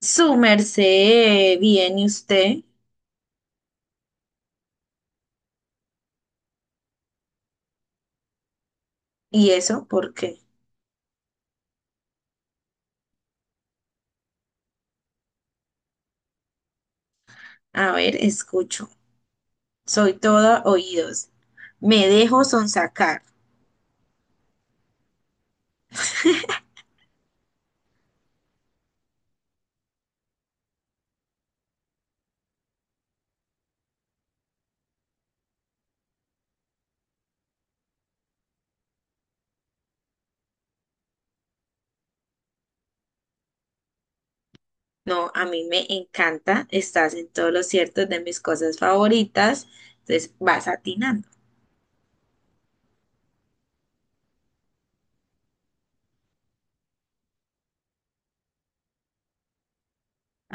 Su merced, bien, ¿y usted? ¿Y eso por qué? A ver, escucho. Soy toda oídos. Me dejo sonsacar. No, a mí me encanta. Estás en todos los ciertos de mis cosas favoritas. Entonces vas atinando.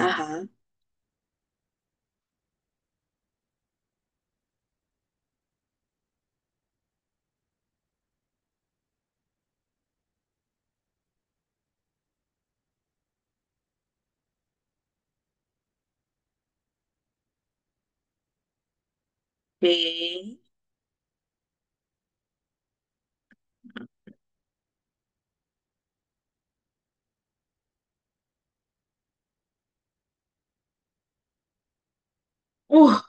Ajá. Ve. Uf,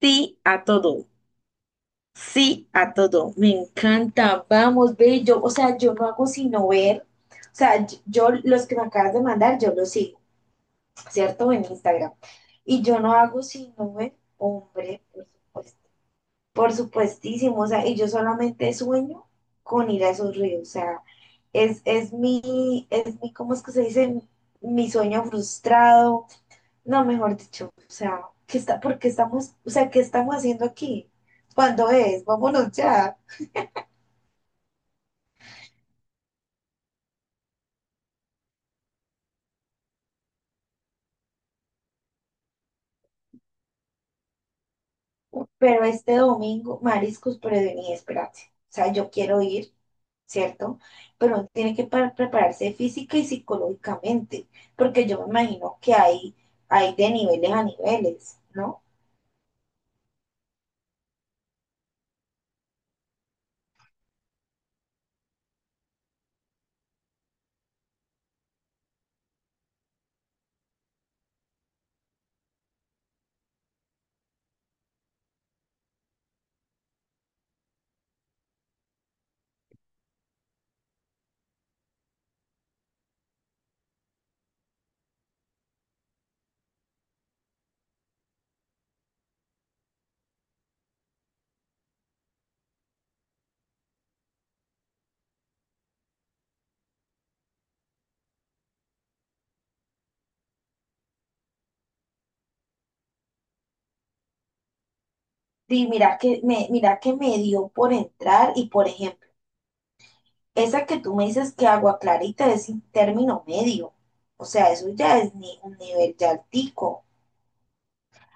sí a todo. Sí a todo. Me encanta. Vamos, ve. Yo, o sea, yo no hago sino ver. O sea, yo los que me acabas de mandar, yo los sigo. ¿Cierto? En Instagram. Y yo no hago sino ver hombre, por supuesto. Por supuestísimo, o sea, y yo solamente sueño con ir a esos ríos, o sea, es mi, ¿cómo es que se dice? Mi sueño frustrado, no, mejor dicho, o sea, ¿qué está, por qué estamos, o sea, qué estamos haciendo aquí? ¿Cuándo es? Vámonos ya. Pero este domingo, mariscos, pero vení, espérate. O sea, yo quiero ir, ¿cierto? Pero uno tiene que prepararse física y psicológicamente, porque yo me imagino que hay de niveles a niveles, ¿no? Y mira mira que me dio por entrar y, por ejemplo, esa que tú me dices que Agua Clarita es un término medio. O sea, eso ya es ni un nivel ya altico.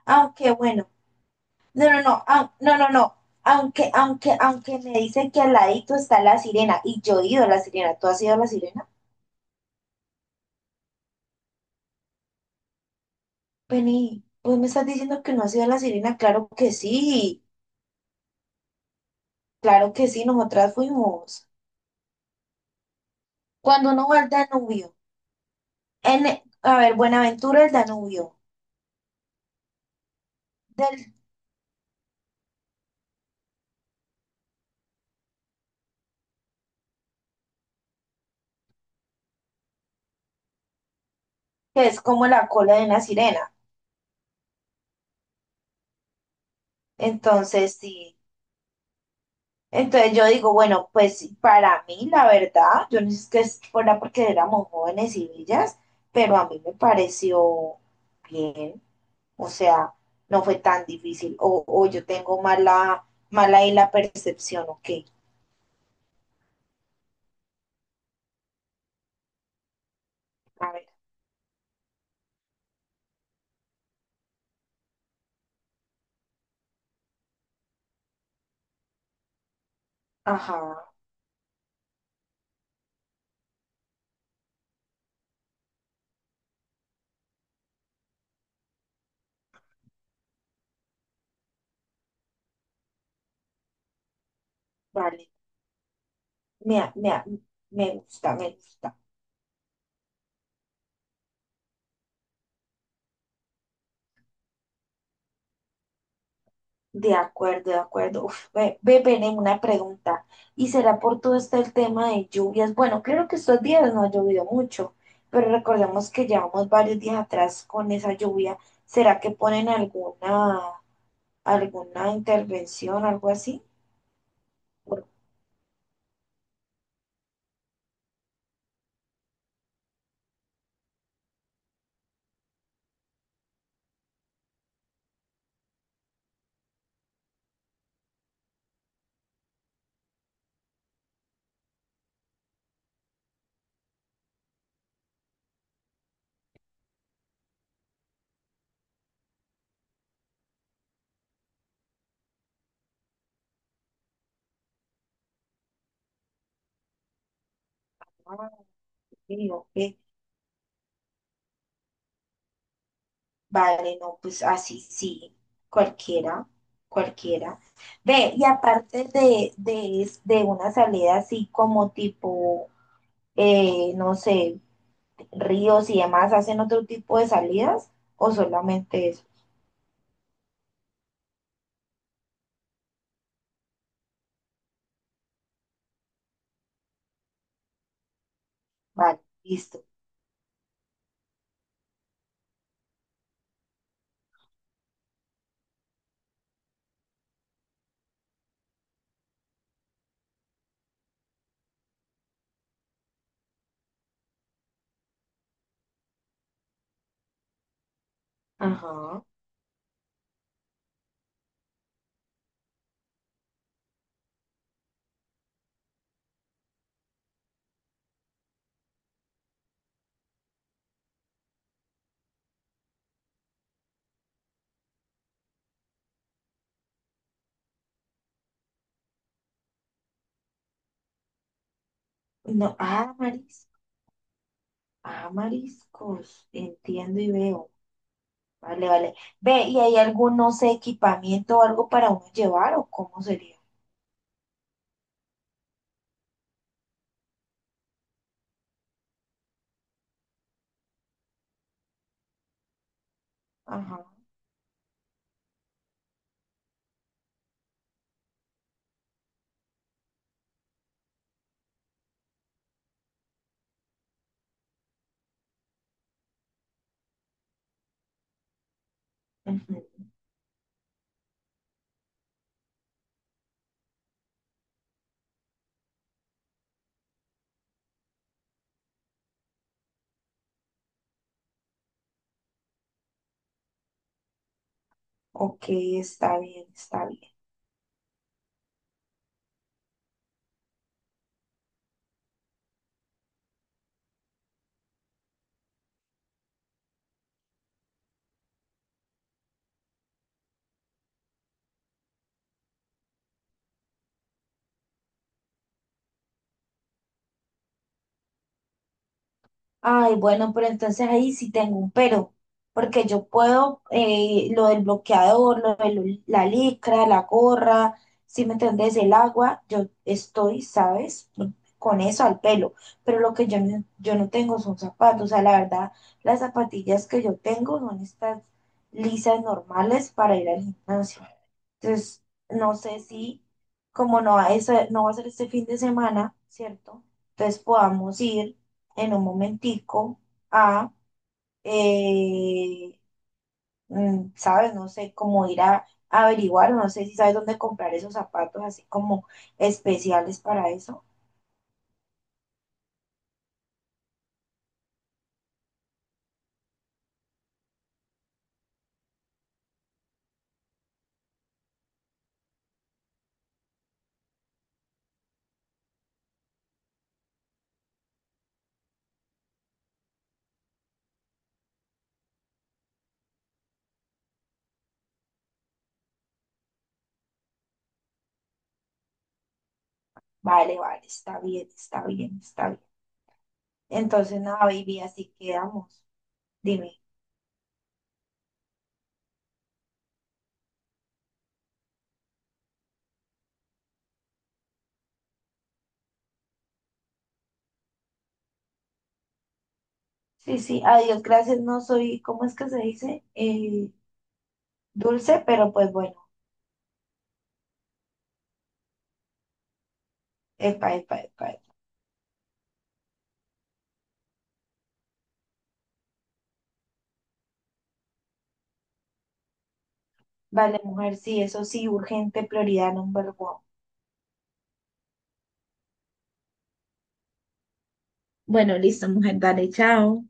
Aunque bueno. No, no, no, no, no, no. Aunque me dicen que al ladito está la Sirena y yo he ido a la Sirena. ¿Tú has ido a la Sirena? Penny, pues me estás diciendo que no has ido a la Sirena. Claro que sí, nosotras fuimos. Cuando uno va al Danubio, a ver, Buenaventura el Danubio, del, que es como la cola de una sirena. Entonces, sí. Entonces yo digo, bueno, pues sí, para mí la verdad, yo no sé fuera porque éramos jóvenes y villas, pero a mí me pareció bien, o sea, no fue tan difícil, o yo tengo mala ahí la percepción. Ok, a ver, ajá, vale, me, me, me gusta, me gusta. De acuerdo, de acuerdo. Uf, ve, ve, Bene, una pregunta. ¿Y será por todo este el tema de lluvias? Bueno, claro que estos días no ha llovido mucho, pero recordemos que llevamos varios días atrás con esa lluvia. ¿Será que ponen alguna intervención, algo así? Por- ah, ok, ok. Vale, no, pues así sí, cualquiera, cualquiera. Ve, y aparte de una salida así como tipo, no sé, ríos y demás, ¿hacen otro tipo de salidas o solamente eso? Vale, listo. Ajá. No, ah, mariscos. Ah, mariscos. Entiendo y veo. Vale, vale. Ve, ¿y hay algún, no sé, equipamiento o algo para uno llevar o cómo sería? Ajá. Ujú. Ok, está bien, está bien. Ay, bueno, pero entonces ahí sí tengo un pero, porque yo puedo lo del bloqueador, la licra, la gorra, si me entendés, el agua, yo estoy, ¿sabes? Con eso al pelo, pero lo que yo no tengo son zapatos, o sea, la verdad, las zapatillas que yo tengo son estas lisas normales para ir al gimnasio. Entonces, no sé si, como no va a ser este fin de semana, ¿cierto? Entonces podamos ir en un momentico a, eh, ¿sabes? No sé, cómo ir a averiguar, no sé si sabes dónde comprar esos zapatos así como especiales para eso. Vale, vale, está bien, está bien, está bien. Entonces, nada, baby, así quedamos. Dime. Sí, sí, adiós, gracias, no soy, ¿cómo es que se dice? Dulce, pero pues bueno. Epa, epa, epa, epa. Vale, mujer, sí, eso sí, urgente, prioridad #1. Bueno, listo, mujer, dale, chao.